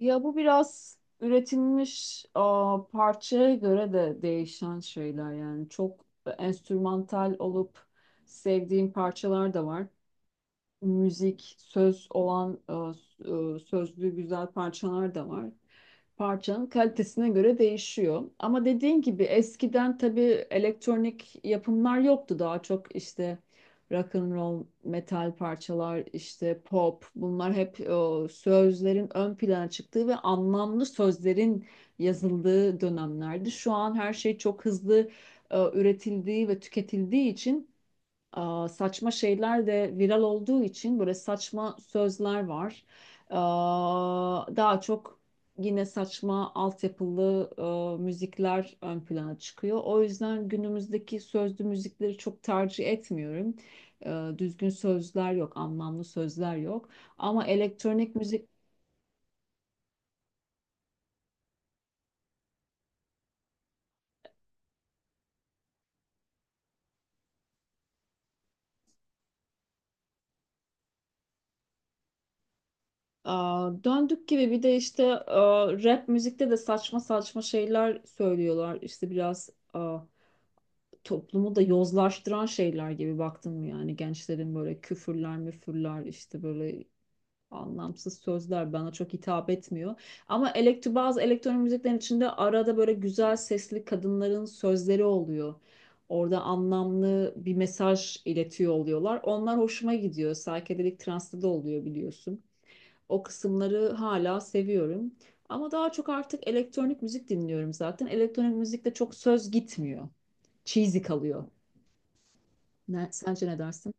Ya bu biraz üretilmiş parçaya göre de değişen şeyler, yani çok enstrümantal olup sevdiğim parçalar da var, müzik, söz olan sözlü güzel parçalar da var. Parçanın kalitesine göre değişiyor. Ama dediğin gibi eskiden tabii elektronik yapımlar yoktu. Daha çok işte rock and roll, metal parçalar, işte pop, bunlar hep sözlerin ön plana çıktığı ve anlamlı sözlerin yazıldığı dönemlerdi. Şu an her şey çok hızlı üretildiği ve tüketildiği için saçma şeyler de viral olduğu için böyle saçma sözler var. Daha çok yine saçma altyapılı müzikler ön plana çıkıyor. O yüzden günümüzdeki sözlü müzikleri çok tercih etmiyorum. Düzgün sözler yok, anlamlı sözler yok. Ama elektronik müzik. Döndük gibi, bir de işte rap müzikte de saçma saçma şeyler söylüyorlar. İşte biraz toplumu da yozlaştıran şeyler gibi baktın mı, yani gençlerin böyle küfürler müfürler, işte böyle anlamsız sözler bana çok hitap etmiyor. Ama elektro, bazı elektronik müziklerin içinde arada böyle güzel sesli kadınların sözleri oluyor. Orada anlamlı bir mesaj iletiyor oluyorlar. Onlar hoşuma gidiyor. Psychedelic trance'da da oluyor, biliyorsun. O kısımları hala seviyorum. Ama daha çok artık elektronik müzik dinliyorum zaten. Elektronik müzikte çok söz gitmiyor, cheesy kalıyor. Ne, sence ne dersin?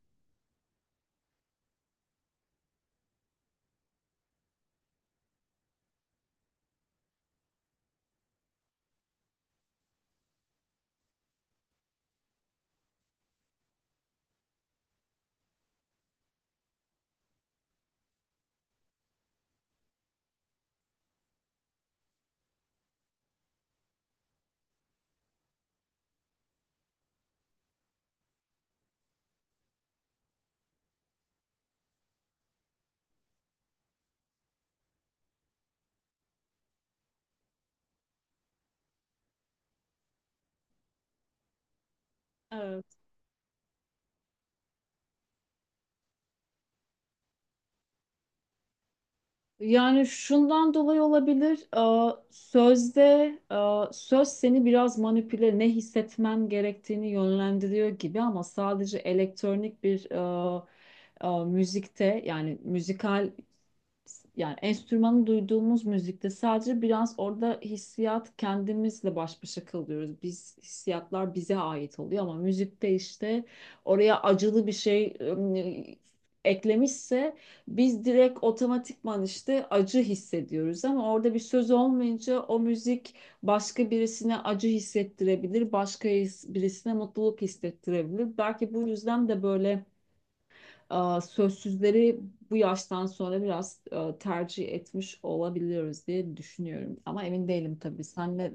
Evet. Yani şundan dolayı olabilir. Sözde söz seni biraz manipüle, ne hissetmen gerektiğini yönlendiriyor gibi, ama sadece elektronik bir müzikte, yani müzikal, yani enstrümanı duyduğumuz müzikte sadece biraz orada hissiyat, kendimizle baş başa kalıyoruz. Biz hissiyatlar bize ait oluyor, ama müzikte işte oraya acılı bir şey eklemişse biz direkt otomatikman işte acı hissediyoruz, ama orada bir söz olmayınca o müzik başka birisine acı hissettirebilir, başka birisine mutluluk hissettirebilir. Belki bu yüzden de böyle sözsüzleri bu yaştan sonra biraz tercih etmiş olabiliyoruz diye düşünüyorum. Ama emin değilim tabii. Sen ne.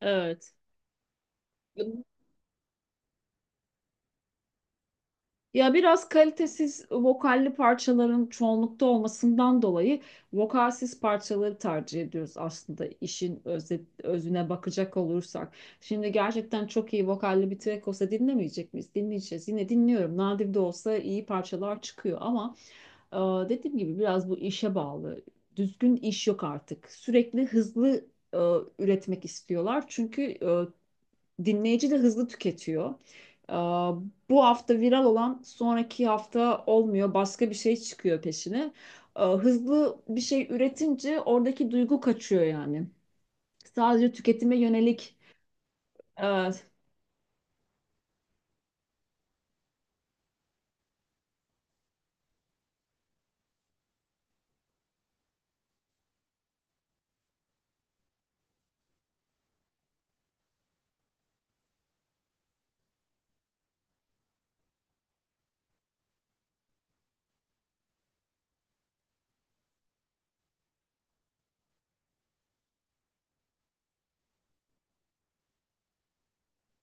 Evet. Ya biraz kalitesiz vokalli parçaların çoğunlukta olmasından dolayı vokalsiz parçaları tercih ediyoruz aslında, işin özüne bakacak olursak. Şimdi gerçekten çok iyi vokalli bir track olsa dinlemeyecek miyiz? Dinleyeceğiz. Yine dinliyorum. Nadir de olsa iyi parçalar çıkıyor, ama dediğim gibi biraz bu işe bağlı. Düzgün iş yok artık. Sürekli hızlı e, üretmek istiyorlar. Çünkü dinleyici de hızlı tüketiyor. Aa, Bu hafta viral olan sonraki hafta olmuyor. Başka bir şey çıkıyor peşine. Hızlı bir şey üretince oradaki duygu kaçıyor yani. Sadece tüketime yönelik. Evet,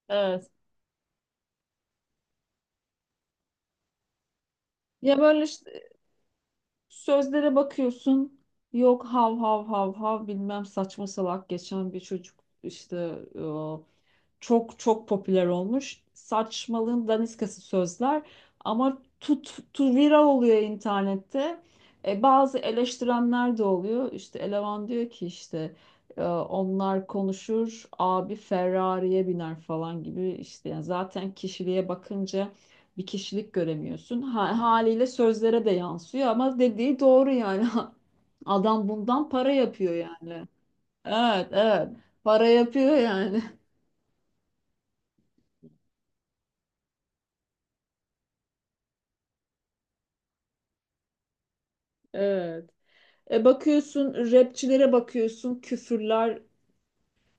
evet. Ya böyle işte sözlere bakıyorsun. Yok, hav hav hav hav bilmem, saçma salak geçen bir çocuk işte çok çok popüler olmuş. Saçmalığın daniskası sözler, ama tu, viral oluyor internette. E, bazı eleştirenler de oluyor. İşte eleman diyor ki, işte onlar konuşur, abi Ferrari'ye biner falan gibi, işte yani zaten kişiliğe bakınca bir kişilik göremiyorsun. Haliyle sözlere de yansıyor, ama dediği doğru yani. Adam bundan para yapıyor yani. Evet, evet. Para yapıyor yani. Evet. E, bakıyorsun rapçilere, bakıyorsun küfürler,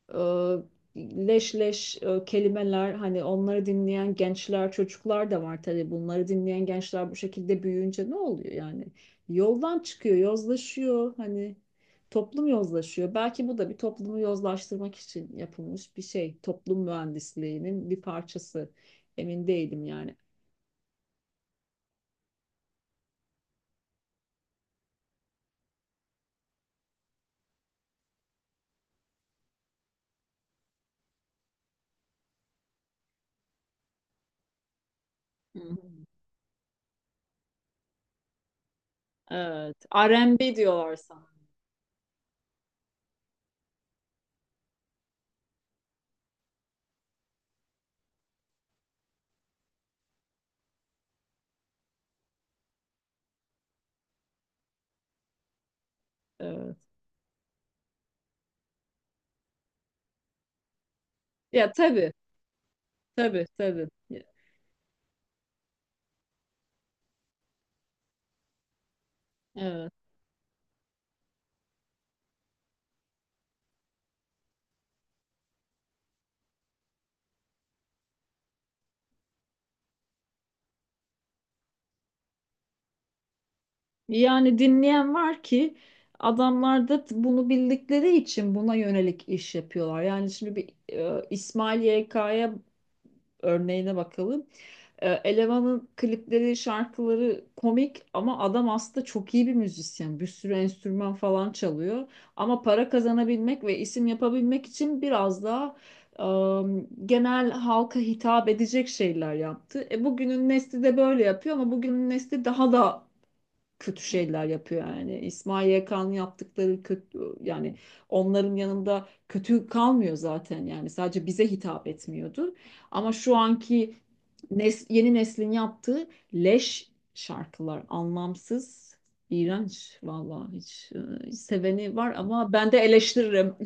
e, leş leş kelimeler, hani onları dinleyen gençler, çocuklar da var tabii, bunları dinleyen gençler bu şekilde büyüyünce ne oluyor yani, yoldan çıkıyor, yozlaşıyor, hani toplum yozlaşıyor, belki bu da bir toplumu yozlaştırmak için yapılmış bir şey, toplum mühendisliğinin bir parçası. Emin değilim yani. Hı hı. Evet. R&B diyorlar sana. Evet. Ya tabii. Tabii tabii. Evet. Yani dinleyen var ki adamlar da bunu bildikleri için buna yönelik iş yapıyorlar. Yani şimdi bir İsmail YK'ya örneğine bakalım. E, elemanın klipleri, şarkıları komik, ama adam aslında çok iyi bir müzisyen. Bir sürü enstrüman falan çalıyor. Ama para kazanabilmek ve isim yapabilmek için biraz daha genel halka hitap edecek şeyler yaptı. E, bugünün nesli de böyle yapıyor, ama bugünün nesli daha da kötü şeyler yapıyor yani. İsmail Yakan'ın yaptıkları kötü yani, onların yanında kötü kalmıyor zaten yani, sadece bize hitap etmiyordu. Ama şu anki yeni neslin yaptığı leş şarkılar anlamsız, iğrenç vallahi, hiç, seveni var ama ben de eleştiririm.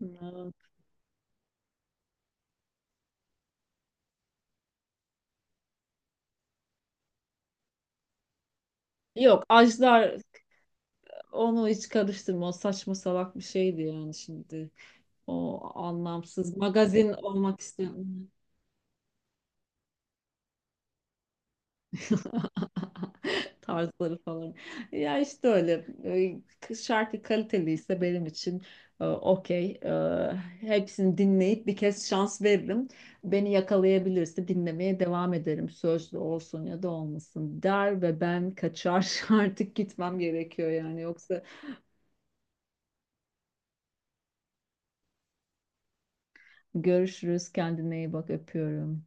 Yok, Ajdar onu hiç karıştırma. O saçma salak bir şeydi yani şimdi. O anlamsız magazin olmak istiyor. tarzları falan. Ya işte öyle. Şarkı kaliteliyse benim için okey. Hepsini dinleyip bir kez şans veririm. Beni yakalayabilirse dinlemeye devam ederim. Sözlü olsun ya da olmasın, der ve ben kaçar. Artık gitmem gerekiyor yani. Yoksa görüşürüz. Kendine iyi bak. Öpüyorum.